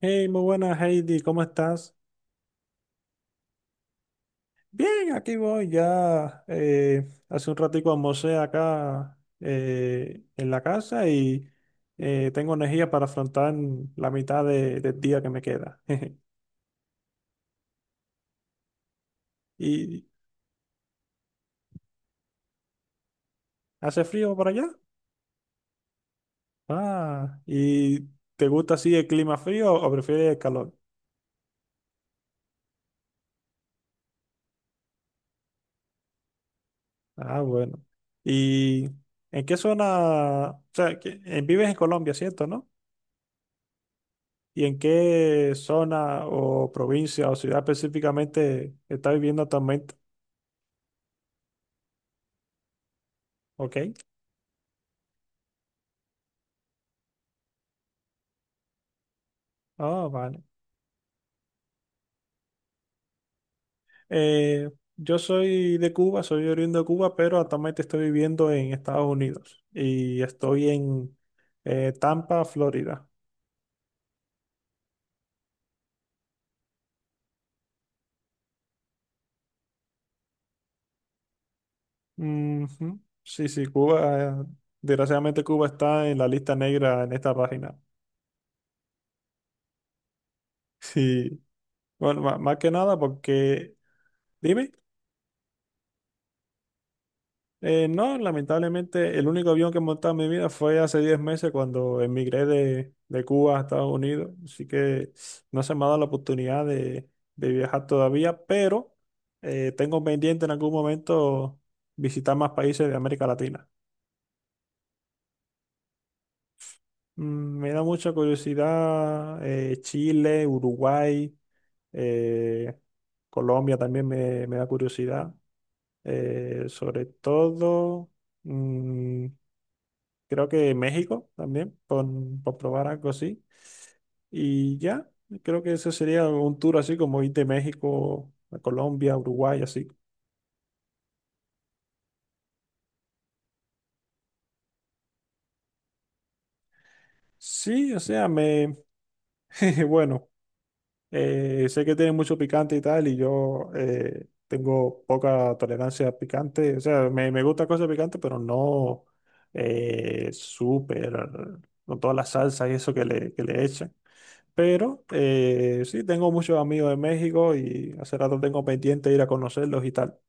Hey, muy buenas, Heidi, ¿cómo estás? Bien, aquí voy ya. Hace un ratico almorcé acá, en la casa y tengo energía para afrontar la mitad del día que me queda. ¿Y hace frío por allá? Ah, ¿y te gusta así el clima frío o prefieres el calor? Ah, bueno. ¿Y en qué zona? O sea, vives en Colombia, ¿cierto, no? ¿Y en qué zona o provincia o ciudad específicamente está viviendo actualmente? Ok. Ah, vale. Eh, yo soy de Cuba, soy oriundo de Cuba, pero actualmente estoy viviendo en Estados Unidos y estoy en Tampa, Florida. Ujú. Sí, sí, Cuba, desgraciadamente Cuba está en la lista negra en esta página. Sí. Bueno, más que nada porque... Dime. No, lamentablemente el único avión que he montado en mi vida fue hace 10 meses cuando emigré de Cuba a Estados Unidos, así que no se me ha dado la oportunidad de viajar todavía, pero tengo pendiente en algún momento visitar más países de América Latina. Mm, me da mucha curiosidad, Chile, Uruguay, eh, Colombia también me da curiosidad, sobre todo... mm, creo que México también, por probar algo así. Y ya, creo que ese sería un tour así como ir de México a Colombia, Uruguay, así. Sí, o sea, bueno, sé que tiene mucho picante y tal, y yo, tengo poca tolerancia a picante, o sea, me gusta cosas picantes, pero no, eh, súper, con todas las salsas y eso que que le echan. Pero sí, tengo muchos amigos de México y hace rato tengo pendiente ir a conocerlos y tal.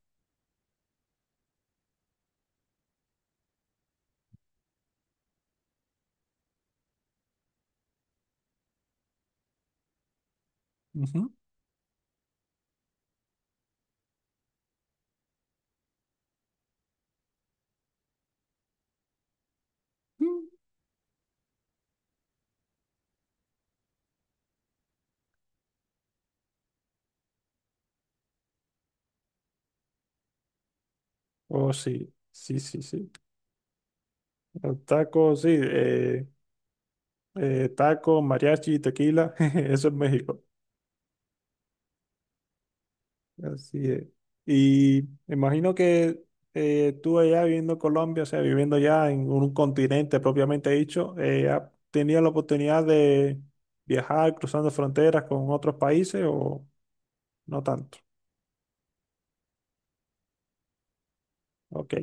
Ujú. Mm. Oh, sí, sí, sí, sí. Los tacos, sí. Taco, mariachi, tequila, jeje, eso es México. Así es. Y me imagino que, tú allá viviendo en Colombia, o sea, viviendo ya en un continente propiamente dicho, ¿has tenido la oportunidad de viajar cruzando fronteras con otros países o no tanto? Ok.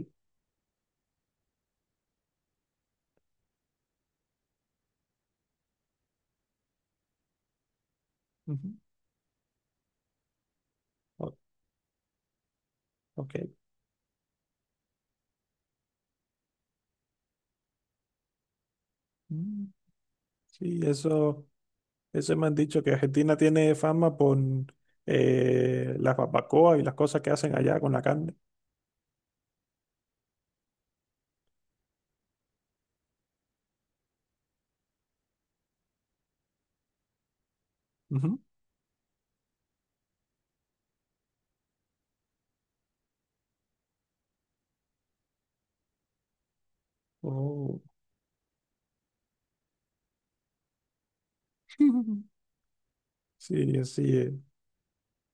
Ujú. Ok. Mm. Sí, eso me han dicho que Argentina tiene fama por, las barbacoas y las cosas que hacen allá con la carne. Ujú. Oh. Sí, así es.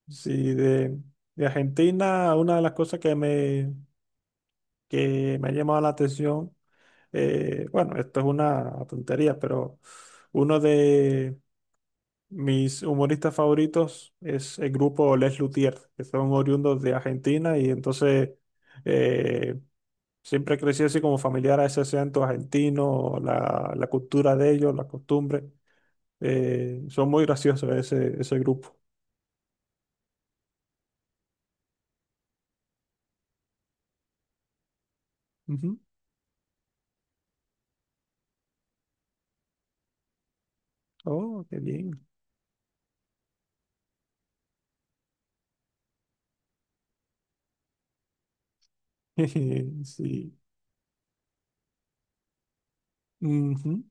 Sí, de Argentina, una de las cosas que me ha llamado la atención, bueno, esto es una tontería, pero uno de, mis humoristas favoritos es el grupo Les Luthiers, que son oriundos de Argentina y entonces, eh, siempre crecí así como familiar a ese acento argentino, la cultura de ellos, la costumbre. Son muy graciosos ese grupo. Ujú. Oh, qué bien. Sí. Ujú.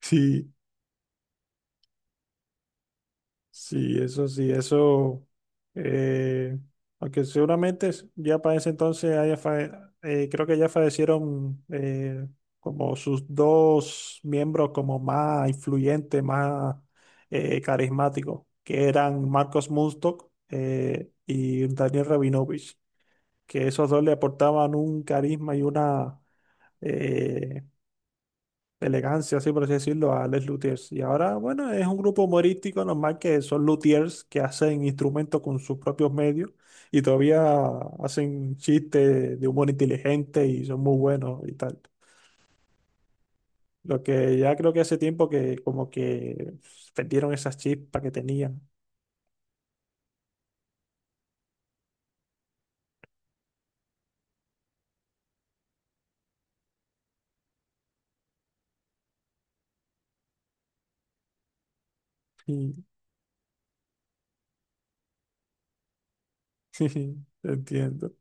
Sí. Sí, eso, eh, aunque seguramente ya para ese entonces creo que ya fallecieron, como sus dos miembros como más influyentes, más, carismáticos, que eran Marcos Munstock, y Daniel Rabinovich, que esos dos le aportaban un carisma y una, eh, elegancia, así por así decirlo, a Les Luthiers. Y ahora, bueno, es un grupo humorístico normal que son luthiers que hacen instrumentos con sus propios medios y todavía hacen chistes de humor inteligente y son muy buenos y tal. Lo que ya creo que hace tiempo que como que perdieron esas chispas que tenían. Sí, entiendo.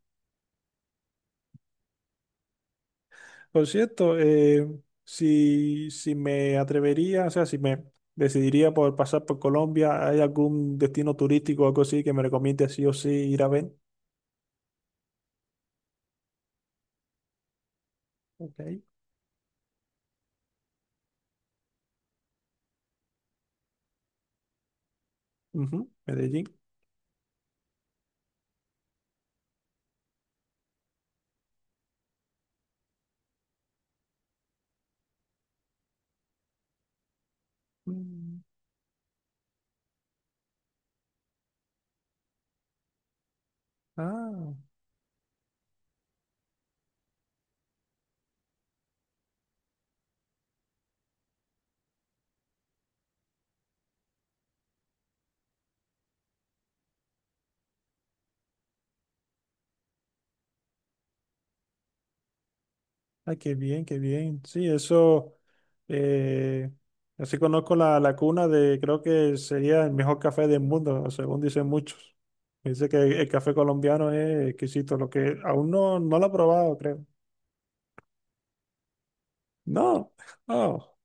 Por cierto, si me atrevería, o sea, si me decidiría por pasar por Colombia, ¿hay algún destino turístico o algo así que me recomiende sí o sí ir a ver? Ok. Ujú, Medellín. Mm. Ah. Ay, qué bien, qué bien. Sí, eso, eh, así conozco la cuna de, creo que sería el mejor café del mundo, según dicen muchos. Dice que el café colombiano es exquisito, lo que aún no lo he probado, creo. No, no,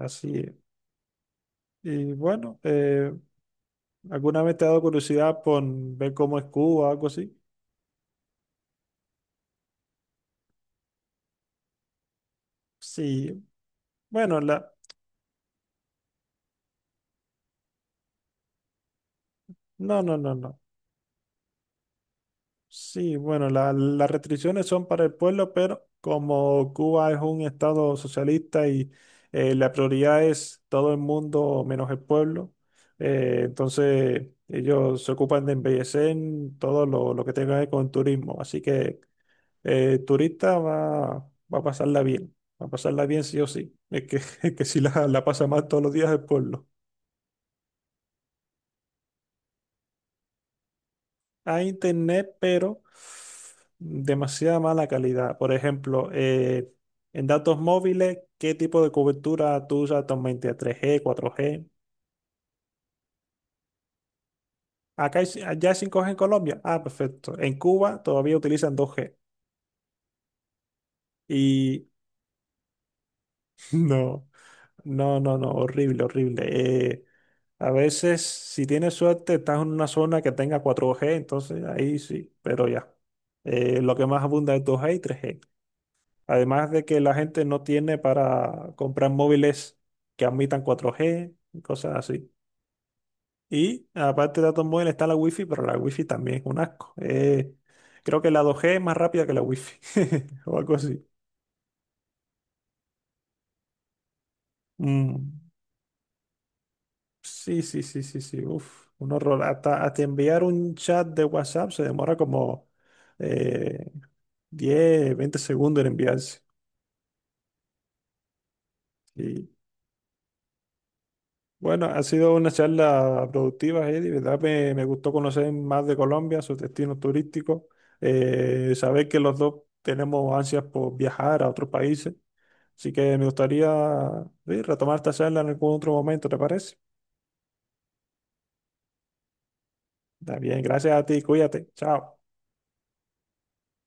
así es. Y bueno, ¿alguna vez te ha dado curiosidad por ver cómo es Cuba o algo así? Sí, bueno, la, no, no, no, no. Sí, bueno, las restricciones son para el pueblo, pero como Cuba es un estado socialista y, la prioridad es todo el mundo menos el pueblo, entonces ellos se ocupan de embellecer todo lo que tenga que ver con turismo. Así que, el turista va, va a pasarla bien, va a pasarla bien sí o sí. Es que, es que si la pasa mal todos los días el pueblo. Hay internet, pero demasiada mala calidad. Por ejemplo, en datos móviles, ¿qué tipo de cobertura tú usas actualmente? ¿3G, 4G? Acá hay, allá hay 5G en Colombia. Ah, perfecto. En Cuba todavía utilizan 2G. Y no, no, no, no, horrible, horrible. A veces, si tienes suerte, estás en una zona que tenga 4G, entonces ahí sí, pero ya. Lo que más abunda es 2G y 3G. Además de que la gente no tiene para comprar móviles que admitan 4G y cosas así. Y aparte de datos móviles está la Wi-Fi, pero la Wi-Fi también es un asco. Creo que la 2G es más rápida que la Wi-Fi o algo así. Mm. Sí, sí, sí, sí, sí. Uf, un horror. Hasta, hasta enviar un chat de WhatsApp se demora como, eh, 10, 20 segundos en enviarse. Sí. Bueno, ha sido una charla productiva, Eddie, ¿verdad? Me gustó conocer más de Colombia, sus destinos turísticos, saber que los dos tenemos ansias por viajar a otros países. Así que me gustaría, sí, retomar esta charla en algún otro momento, ¿te parece? Está bien, gracias a ti, cuídate, chao.